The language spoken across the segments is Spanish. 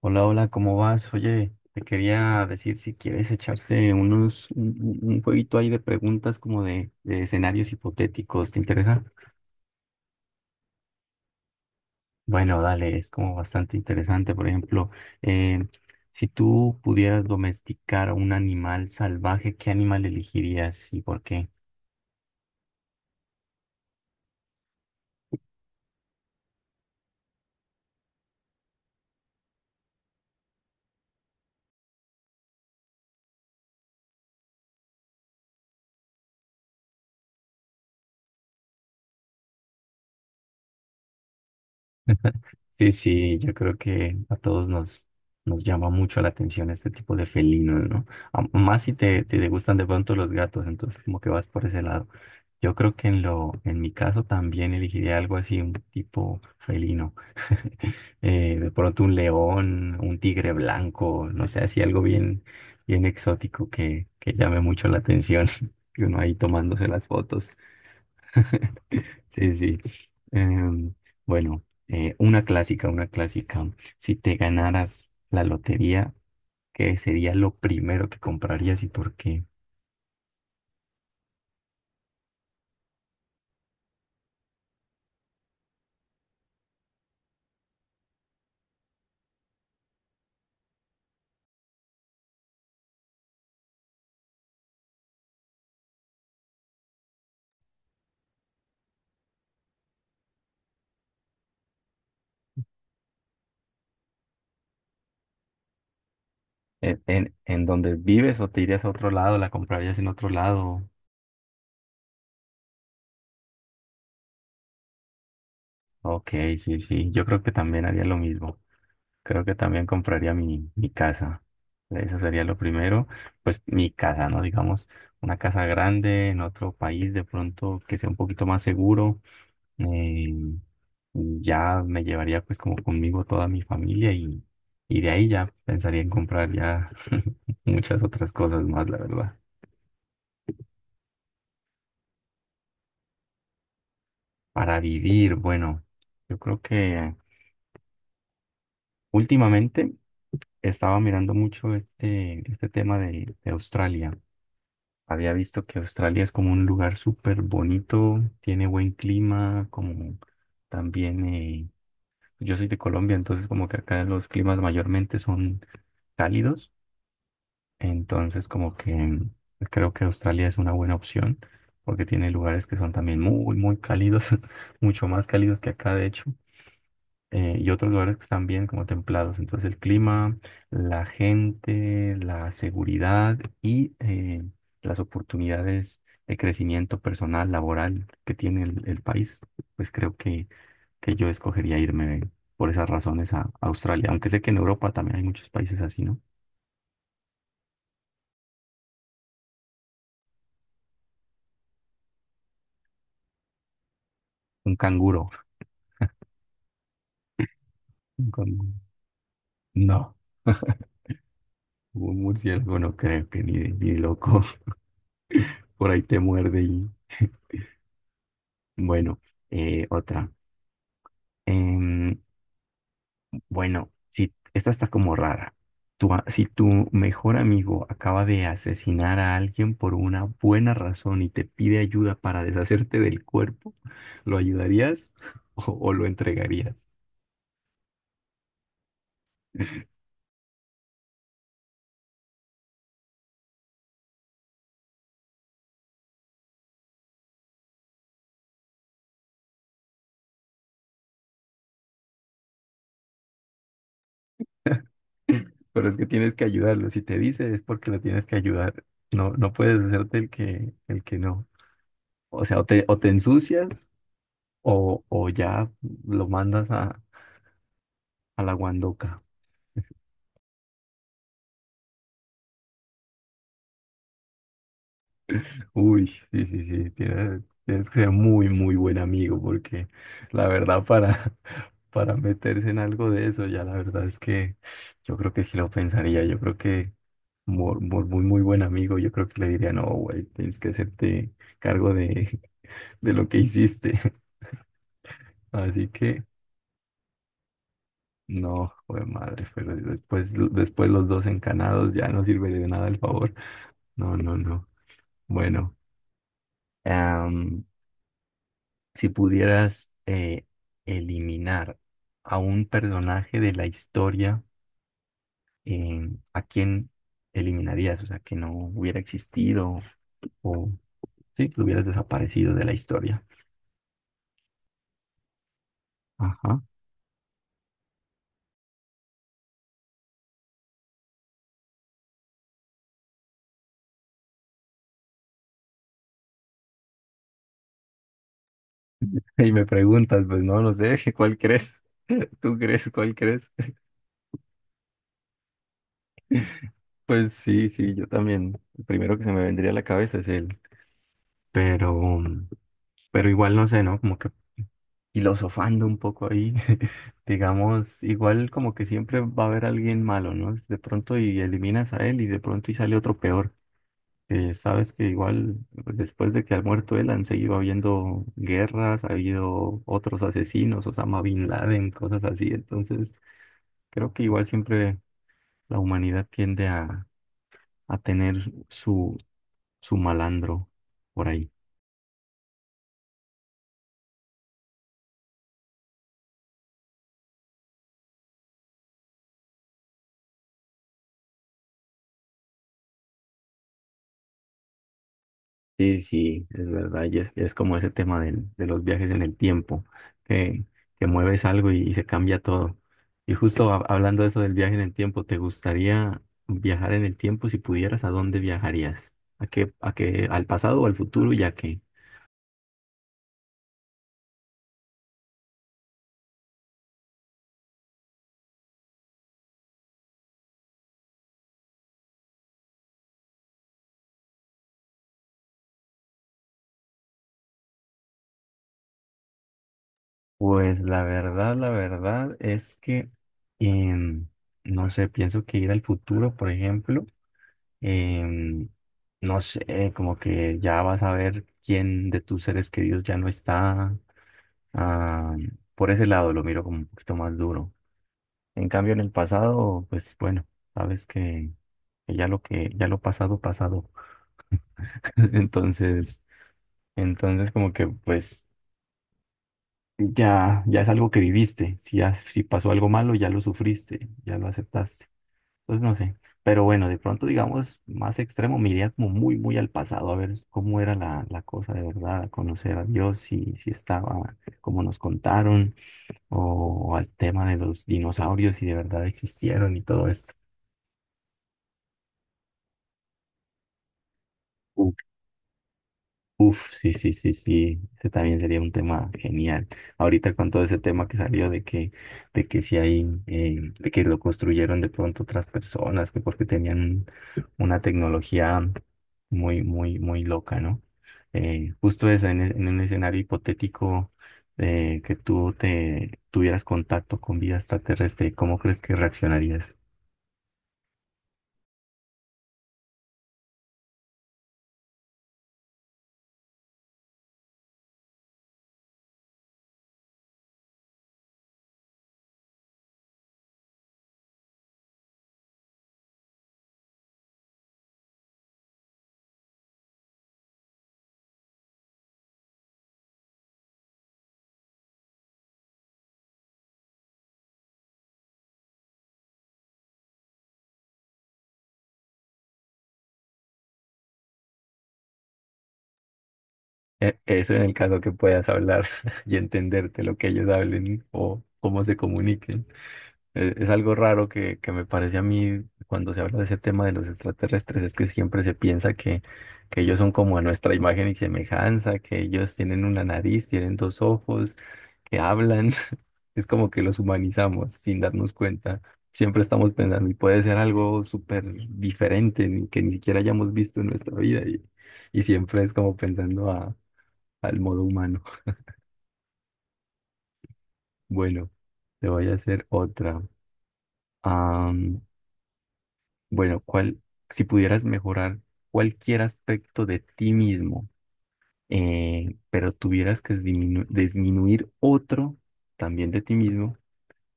Hola, hola, ¿cómo vas? Oye, te quería decir si quieres echarse unos, un, un jueguito ahí de preguntas como de escenarios hipotéticos, ¿te interesa? Bueno, dale, es como bastante interesante. Por ejemplo, eh, si tú pudieras domesticar a un animal salvaje, ¿qué animal elegirías y por qué? Sí, sí, yo creo que a todos nos llama mucho la atención este tipo de felinos, ¿no? Más si si te gustan de pronto los gatos, entonces como que vas por ese lado. Yo creo que en en mi caso también elegiría algo así, un tipo felino. De pronto un león, un tigre blanco, no sé, así algo bien, bien exótico que llame mucho la atención y uno ahí tomándose las fotos. Sí, sí. Em, bueno, una clásica, una clásica. Si te ganaras la lotería, ¿qué sería lo primero que comprarías y por qué? En donde vives o te irías a otro lado? ¿La comprarías en otro lado? Ok, sí, sí. Yo creo que también haría lo mismo. Creo que también compraría mi casa. Eso sería lo primero. Pues mi casa, ¿no? Digamos, una casa grande en otro país, de pronto que sea un poquito más seguro, eh, ya me llevaría pues como conmigo toda mi familia y de ahí ya pensaría en comprar ya muchas otras cosas más, la verdad. Para vivir, bueno, yo creo que últimamente estaba mirando mucho este tema de Australia. Había visto que Australia es como un lugar súper bonito, tiene buen clima, como también, yo soy de Colombia, entonces como que acá los climas mayormente son cálidos. Entonces, como que creo que Australia es una buena opción porque tiene lugares que son también muy, muy cálidos, mucho más cálidos que acá, de hecho, y otros lugares que están bien como templados. Entonces, el clima, la gente, la seguridad y las oportunidades de crecimiento personal, laboral que tiene el país, pues creo que yo escogería irme por esas razones a Australia, aunque sé que en Europa también hay muchos países así, ¿no? Un canguro. Un canguro. No. Un murciélago no creo que ni loco. Por ahí te muerde y... Bueno, otra. Em, bueno, si, esta está como rara. Si tu mejor amigo acaba de asesinar a alguien por una buena razón y te pide ayuda para deshacerte del cuerpo, ¿lo ayudarías o lo entregarías? Pero es que tienes que ayudarlo. Si te dice es porque lo tienes que ayudar. No, no puedes hacerte el el que no. O sea, o o te ensucias. O ya lo mandas a la guandoca. Uy, sí, sí, sí, tienes que ser muy, muy buen amigo porque la verdad para, para meterse en algo de eso, ya la verdad es que yo creo que sí lo pensaría, yo creo que por muy, muy, muy buen amigo, yo creo que le diría, no, güey, tienes que hacerte cargo de, de lo que hiciste. Así que, no, güey, madre, pero después los dos encanados ya no sirve de nada el favor. No, no, no. Bueno. Am, si pudieras eliminar a un personaje de la historia, ¿a quién eliminarías? O sea, que no hubiera existido o sí, que hubieras desaparecido de la historia. Ajá. Y me preguntas, pues no, no sé, ¿cuál crees? ¿Tú crees? ¿Cuál crees? Pues sí, sí, yo también. El primero que se me vendría a la cabeza es él. Pero, pero igual no sé, ¿no? Como que filosofando un poco ahí, digamos, igual como que siempre va a haber alguien malo, ¿no? De pronto y eliminas a él y de pronto y sale otro peor. Sabes que igual después de que ha muerto él han seguido habiendo guerras, ha habido otros asesinos, Osama Bin Laden, cosas así. Entonces, creo que igual siempre la humanidad tiende a tener su malandro por ahí. Sí, sí, es verdad, es como ese tema de los viajes en el tiempo, que, que mueves algo y se cambia todo. Y justo hablando de eso del viaje en el tiempo, ¿te gustaría viajar en el tiempo? Si pudieras, ¿a dónde viajarías? Al pasado o al futuro y a qué? Pues la verdad es que, em, no sé, pienso que ir al futuro, por ejemplo, em, no sé, como que ya vas a ver quién de tus seres queridos ya no está. Ah, por ese lado lo miro como un poquito más duro. En cambio, en el pasado, pues bueno, sabes que ya lo ya lo pasado, pasado. Entonces, entonces como que pues ya, ya es algo que viviste. Si ya, si pasó algo malo, ya lo sufriste, ya lo aceptaste. Entonces no sé. Pero bueno, de pronto, digamos, más extremo, me iría como muy, muy al pasado, a ver cómo era la cosa de verdad, a conocer a Dios, si, si estaba, como nos contaron o al tema de los dinosaurios si de verdad existieron y todo esto. Uf, uf, sí, sí, sí, sí, ese también sería un tema genial. Ahorita con todo ese tema que salió de que si hay, de que lo construyeron de pronto otras personas, que porque tenían una tecnología muy, muy, muy loca, ¿no? Justo eso, en un escenario hipotético que tú te tuvieras contacto con vida extraterrestre, ¿cómo crees que reaccionarías? Eso en el caso que puedas hablar y entenderte lo que ellos hablen o cómo se comuniquen. Es, algo raro que me parece a mí cuando se habla de ese tema de los extraterrestres, es que siempre se piensa que ellos son como a nuestra imagen y semejanza, que ellos tienen una nariz, tienen dos ojos, que hablan. Es como que los humanizamos sin darnos cuenta. Siempre estamos pensando y puede ser algo súper diferente que ni siquiera hayamos visto en nuestra vida y siempre es como pensando "Ah, al modo humano". Bueno, te voy a hacer otra. Am, bueno, ¿cuál, si pudieras mejorar cualquier aspecto de ti mismo, pero tuvieras que disminuir otro también de ti mismo,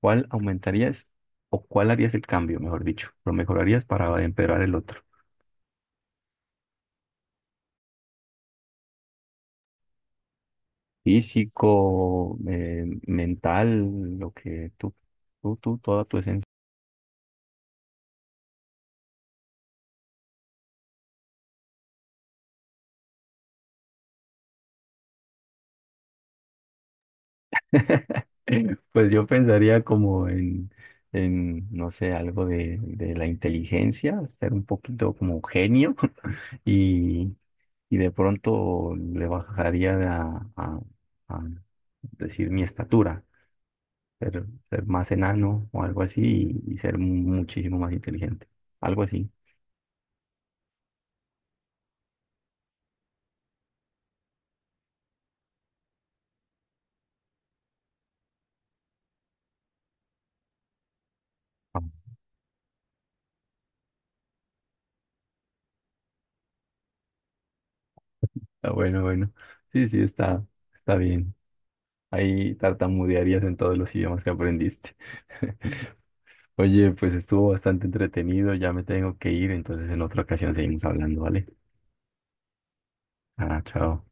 ¿cuál aumentarías o cuál harías el cambio, mejor dicho? Lo mejorarías para empeorar el otro. Físico, mental, lo que tú, toda tu esencia. Pues yo pensaría como en no sé, algo de la inteligencia, ser un poquito como un genio y, y de pronto le bajaría a decir mi estatura, ser más enano o algo así y ser muchísimo más inteligente, algo así. Ah, ah, bueno, bueno, sí, sí, está, está bien. Ahí tartamudearías en todos los idiomas que aprendiste. Oye, pues estuvo bastante entretenido, ya me tengo que ir, entonces en otra ocasión seguimos hablando, ¿vale? Ah, chao.